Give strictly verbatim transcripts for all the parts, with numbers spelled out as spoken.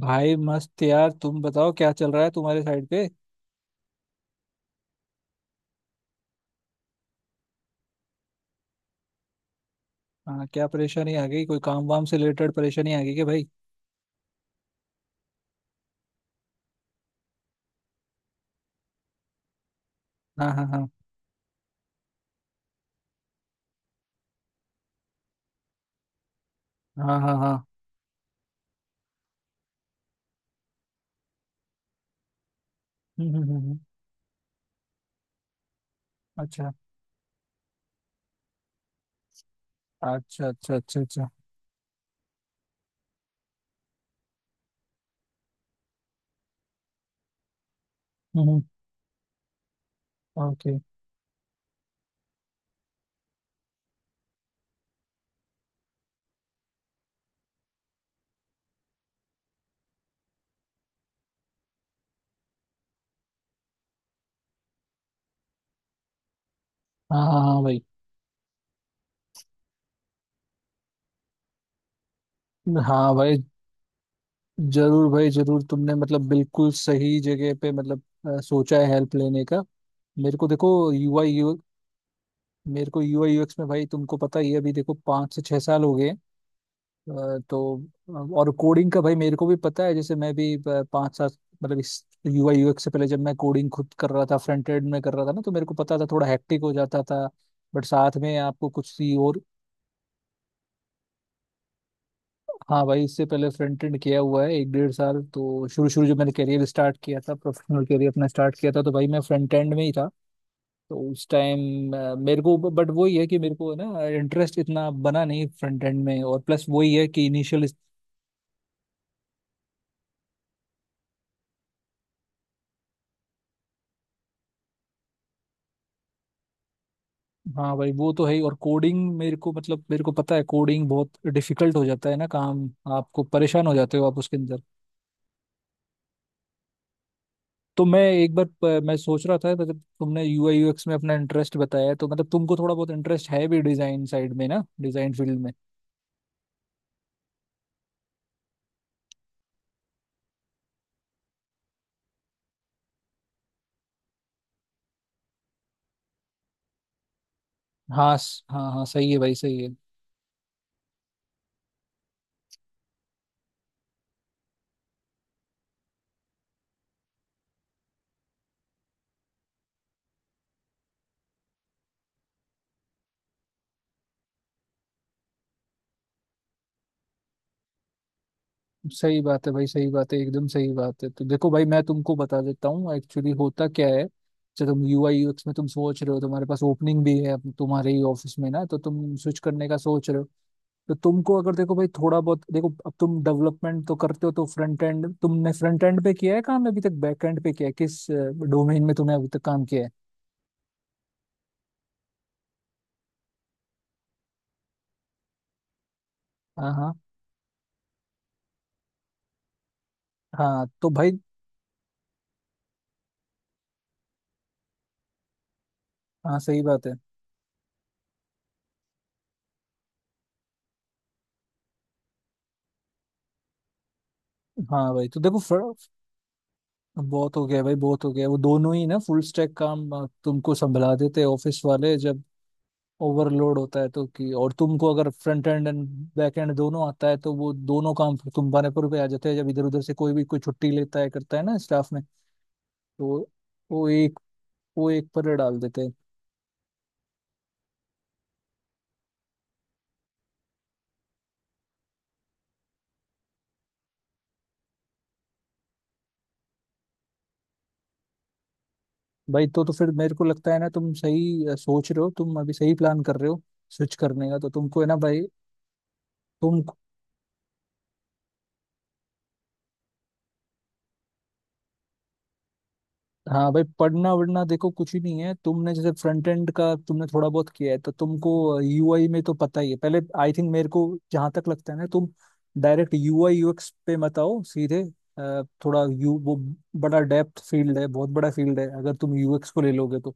भाई मस्त यार, तुम बताओ क्या चल रहा है तुम्हारे साइड पे। हाँ, क्या परेशानी आ गई? कोई काम वाम से रिलेटेड परेशानी आ गई क्या भाई? हाँ हाँ हाँ। हाँ हाँ हाँ। हम्म हम्म हम्म हम्म। अच्छा, अच्छा अच्छा अच्छा अच्छा। हम्म हम्म। ओके। हाँ हाँ हाँ भाई। हाँ भाई जरूर, भाई जरूर, तुमने मतलब बिल्कुल सही जगह पे मतलब अ, सोचा है हेल्प लेने का। मेरे को देखो यू आई यू। मेरे को यू आई यू एक्स में भाई तुमको पता ही है, अभी देखो पाँच से छह साल हो गए हैं। अ, तो। और कोडिंग का भाई मेरे को भी पता है, जैसे मैं भी अ, पाँच सात, मतलब इस यू आई यू एक्स से पहले जब मैं कोडिंग खुद कर रहा था, फ्रंट एंड में कर रहा था ना, तो मेरे को पता था थोड़ा हैक्टिक हो जाता था। बट साथ में आपको कुछ सी और। हाँ भाई, इससे पहले फ्रंट एंड किया हुआ है एक डेढ़ साल, तो शुरू शुरू जब मैंने करियर स्टार्ट किया था, प्रोफेशनल करियर अपना स्टार्ट किया था, तो भाई मैं फ्रंट एंड में ही था। तो उस टाइम मेरे को, बट वही है कि मेरे को है ना, इंटरेस्ट इतना बना नहीं फ्रंट एंड में, और प्लस वही है कि इनिशियल। हाँ भाई वो तो है ही, और कोडिंग मेरे को, मतलब मेरे को पता है, कोडिंग बहुत डिफिकल्ट हो जाता है ना काम, आपको परेशान हो जाते हो आप उसके अंदर। तो मैं एक बार प- मैं सोच रहा था, मतलब तुमने यू आई यू एक्स में अपना इंटरेस्ट बताया है, तो मतलब तुमको थोड़ा बहुत इंटरेस्ट है भी डिजाइन साइड में ना, डिजाइन फील्ड में। हाँ स- हाँ हाँ सही है भाई, सही है। सही बात है भाई, सही बात है, एकदम सही बात है। तो देखो भाई, मैं तुमको बता देता हूँ एक्चुअली होता क्या है। जब तुम यू आई यू एक्स में तुम सोच रहे हो, तुम्हारे पास ओपनिंग भी है अप- तुम्हारे ही ऑफिस में ना, तो तुम स्विच करने का सोच रहे हो। तो तुमको अगर देखो भाई, थोड़ा बहुत देखो, अब तुम डेवलपमेंट तो करते हो, तो फ्रंट एंड, तुमने फ्रंट एंड पे किया है काम, अभी तक बैक एंड पे किया है, किस डोमेन में तुमने अभी तक काम किया है? हाँ हाँ हाँ, तो भाई, हाँ सही बात है। हाँ भाई, तो देखो fr- बहुत हो गया भाई, बहुत हो गया, वो दोनों ही ना, फुल स्टैक काम अ, तुमको संभला देते हैं ऑफिस वाले जब ओवरलोड होता है तो, कि और तुमको अगर front end and back end दोनों आता है, तो वो दोनों काम तुम्हारे पर भी आ जाते हैं जब इधर उधर से कोई भी, कोई छुट्टी लेता है, करता है ना स्टाफ में, तो वो एक वो एक पर डाल देते हैं। भाई तो तो फिर मेरे को लगता है ना, तुम सही अ, सोच रहे हो, तुम अभी सही प्लान कर रहे हो स्विच करने का, तो तुमको है ना भाई। तुम, हाँ भाई, पढ़ना वढ़ना देखो कुछ ही नहीं है, तुमने जैसे फ्रंट एंड का तुमने थोड़ा बहुत किया है, तो तुमको यू आई में तो पता ही है, पहले आई थिंक मेरे को जहाँ तक लगता है ना, तुम direct you I you x पे मत आओ सीधे। अ, थोड़ा यू वो, बड़ा डेप्थ फील्ड है, बहुत बड़ा फील्ड है अगर तुम यू एक्स को ले लोगे तो।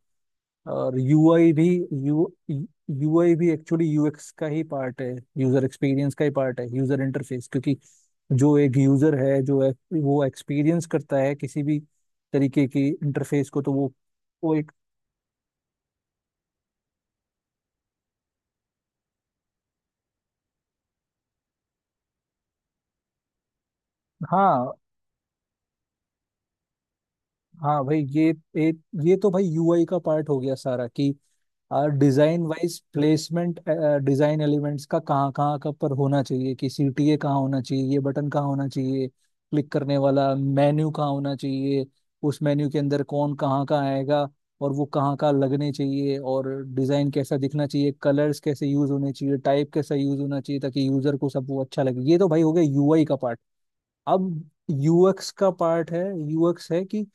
और यू आई भी, यू यूआई भी एक्चुअली यू एक्स का ही पार्ट है, यूजर एक्सपीरियंस का ही पार्ट है, यूजर इंटरफेस, क्योंकि जो एक यूजर है, जो एक, वो एक्सपीरियंस करता है किसी भी तरीके की इंटरफेस को, तो वो वो एक, हाँ हाँ भाई, ये ये ये तो भाई यू आई का पार्ट हो गया सारा, कि और design wise placement, design elements का कहाँ कहाँ का पर होना चाहिए, कि सी टी ए कहाँ होना चाहिए, ये बटन कहाँ होना चाहिए, क्लिक करने वाला मेन्यू कहाँ होना चाहिए, उस मेन्यू के अंदर कौन कहाँ का आएगा, और वो कहाँ का लगने चाहिए, और डिजाइन कैसा दिखना चाहिए, कलर्स कैसे यूज होने चाहिए, टाइप कैसा यूज होना चाहिए, ताकि यूजर को सब वो अच्छा लगे। ये तो भाई हो गया यू आई का पार्ट। अब यू एक्स का पार्ट है। यू एक्स है कि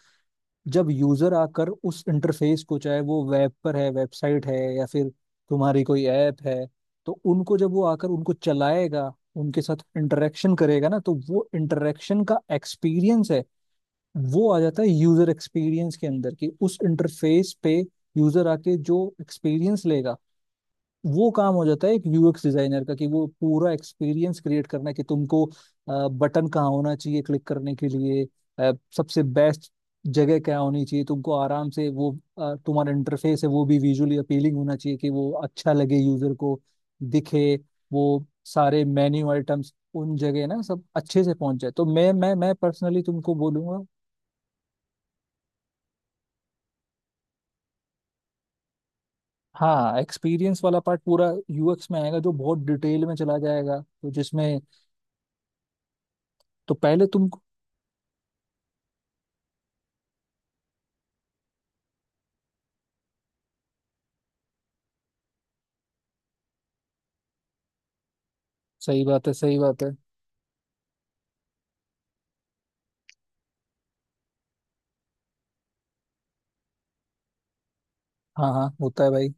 जब यूजर आकर उस इंटरफेस को, चाहे वो वेब पर है, वेबसाइट है, या फिर तुम्हारी कोई ऐप है, तो उनको जब वो आकर उनको चलाएगा, उनके साथ इंटरेक्शन करेगा ना, तो वो इंटरेक्शन का एक्सपीरियंस है, वो आ जाता है यूजर एक्सपीरियंस के अंदर, कि उस इंटरफेस पे यूजर आके जो एक्सपीरियंस लेगा, वो काम हो जाता है एक यू एक्स डिजाइनर का, कि वो पूरा एक्सपीरियंस क्रिएट करना है, कि तुमको बटन कहाँ होना चाहिए क्लिक करने के लिए, अ, सबसे बेस्ट जगह क्या होनी चाहिए, तुमको आराम से वो, अ, तुम्हारा इंटरफेस है वो भी विजुअली अपीलिंग होना चाहिए, कि वो अच्छा लगे यूजर को, दिखे वो, सारे मेन्यू आइटम्स उन जगह ना सब अच्छे से पहुंच जाए। तो मैं मैं मैं पर्सनली तुमको बोलूंगा, हाँ, एक्सपीरियंस वाला पार्ट पूरा यू एक्स में आएगा, जो बहुत डिटेल में चला जाएगा, तो जिसमें, तो पहले तुमको, सही बात है, सही बात है। हाँ हाँ होता है भाई।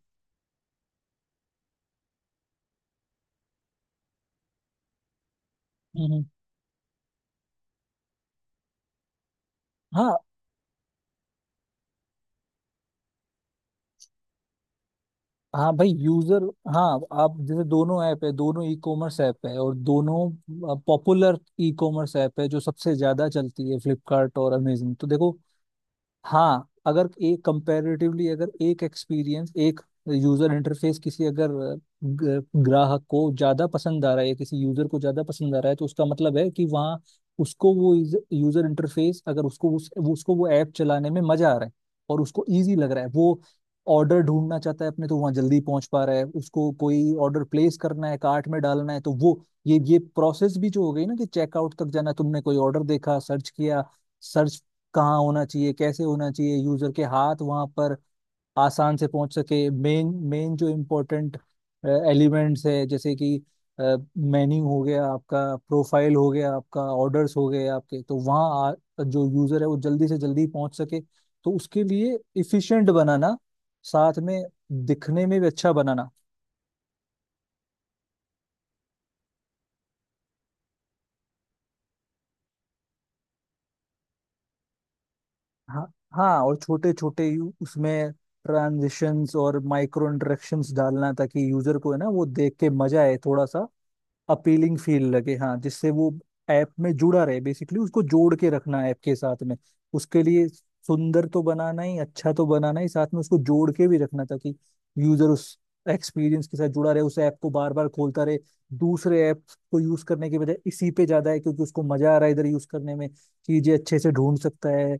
हम्म हम्म। हाँ हाँ भाई, यूजर, हाँ, आप जैसे, दोनों ऐप है, दोनों ई कॉमर्स ऐप है, और दोनों पॉपुलर ई कॉमर्स ऐप है जो सबसे ज्यादा चलती है, फ्लिपकार्ट और अमेजन। तो देखो, हाँ, अगर एक कंपैरेटिवली, अगर एक एक्सपीरियंस, एक यूजर इंटरफेस किसी अगर अ, ग- ग्राहक को ज्यादा पसंद आ रहा है, या किसी यूजर को ज्यादा पसंद आ रहा है, तो उसका मतलब है कि वहाँ उसको वो यूजर इंटरफेस, अगर उसको उस, उसको वो ऐप चलाने में मजा आ रहा है, और उसको इजी लग रहा है, वो ऑर्डर ढूंढना चाहता है अपने तो वहाँ जल्दी पहुंच पा रहा है, उसको कोई ऑर्डर प्लेस करना है, कार्ट में डालना है, तो वो, ये ये प्रोसेस भी जो हो गई ना, कि चेकआउट तक जाना, तुमने कोई ऑर्डर देखा, सर्च किया, सर्च कहाँ होना चाहिए, कैसे होना चाहिए, यूजर के हाथ वहां पर आसान से पहुंच सके, मेन मेन जो इम्पोर्टेंट एलिमेंट्स है, जैसे कि मेन्यू हो गया आपका, प्रोफाइल हो गया आपका, ऑर्डर्स हो गए आपके, तो वहाँ आ- जो यूजर है वो जल्दी से जल्दी पहुंच सके, तो उसके लिए इफिशिएंट बनाना, साथ में दिखने में भी अच्छा बनाना, हाँ हाँ, और छोटे छोटे उसमें ट्रांजिशंस और माइक्रो इंटरेक्शंस डालना, ताकि यूजर को है ना वो देख के मजा आए थोड़ा सा, अपीलिंग फील लगे, हाँ, जिससे वो ऐप में जुड़ा रहे बेसिकली, उसको जोड़ के रखना ऐप के साथ में, उसके लिए सुंदर तो बनाना ही, अच्छा तो बनाना ही, साथ में उसको जोड़ के भी रखना, ताकि यूजर उस एक्सपीरियंस के साथ जुड़ा रहे, उस ऐप को बार बार खोलता रहे, दूसरे ऐप को यूज करने के बजाय, इसी पे ज्यादा है क्योंकि उसको मजा आ रहा है इधर यूज करने में, चीजें अच्छे से ढूंढ सकता है,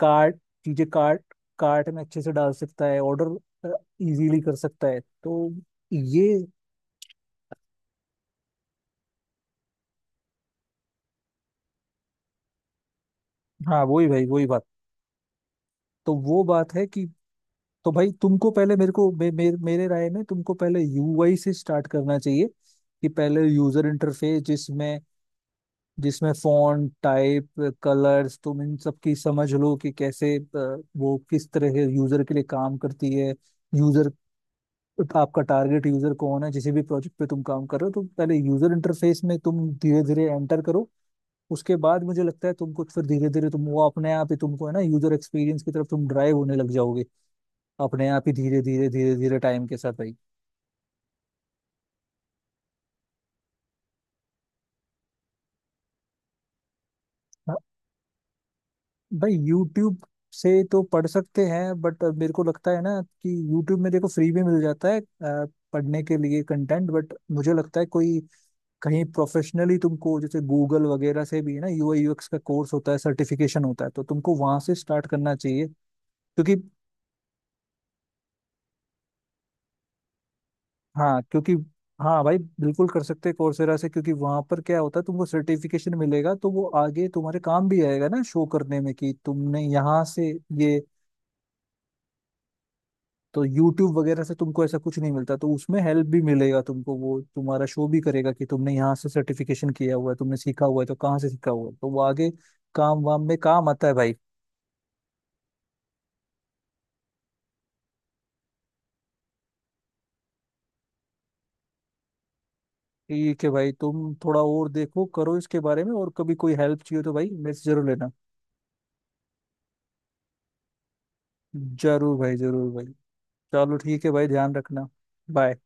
कार्ट, चीजें कार्ट, कार्ट में अच्छे से डाल सकता है, ऑर्डर इजीली कर सकता है, तो ये, हाँ वही भाई, वही बात, तो वो बात है कि, तो भाई तुमको पहले मेरे को मे, मे, मेरे राय में तुमको पहले यू आई से स्टार्ट करना चाहिए, कि पहले यूजर इंटरफेस जिसमें जिसमें फॉन्ट, टाइप, कलर्स, तुम इन सब की समझ लो कि कैसे अ, वो किस तरह यूजर के लिए काम करती है, यूजर, आपका टारगेट यूजर कौन है जिस भी प्रोजेक्ट पे तुम काम कर रहे हो, तो पहले यूजर इंटरफेस में तुम धीरे धीरे एंटर करो। उसके बाद मुझे लगता है, तुमको फिर धीरे धीरे तुम वो अपने आप ही तुमको है ना, यूजर एक्सपीरियंस की तरफ तुम ड्राइव होने लग जाओगे, अपने आप ही, धीरे धीरे धीरे धीरे टाइम के साथ भाई। हाँ, भाई यूट्यूब से तो पढ़ सकते हैं, बट मेरे को लगता है ना कि यूट्यूब में देखो फ्री भी मिल जाता है अ, पढ़ने के लिए कंटेंट, बट मुझे लगता है, कोई कहीं प्रोफेशनली तुमको, जैसे गूगल वगैरह से भी है ना यू आई यू एक्स का कोर्स होता है, सर्टिफिकेशन होता है, तो तुमको वहां से स्टार्ट करना चाहिए क्योंकि, हाँ क्योंकि, हाँ भाई, बिल्कुल कर सकते हैं कोर्सेरा से, क्योंकि वहां पर क्या होता है, तुमको सर्टिफिकेशन मिलेगा, तो वो आगे तुम्हारे काम भी आएगा ना शो करने में, कि तुमने यहाँ से ये, तो यूट्यूब वगैरह से तुमको ऐसा कुछ नहीं मिलता, तो उसमें हेल्प भी मिलेगा तुमको, वो तुम्हारा शो भी करेगा कि तुमने यहाँ से सर्टिफिकेशन किया हुआ है, तुमने सीखा हुआ है, तो कहाँ से सीखा हुआ है, तो वो आगे काम वाम में काम आता है भाई। ठीक है भाई, तुम थोड़ा और देखो, करो इसके बारे में, और कभी कोई हेल्प चाहिए तो भाई मेरे से जरूर लेना। जरूर भाई, जरूर भाई। चलो ठीक है भाई, ध्यान रखना। बाय।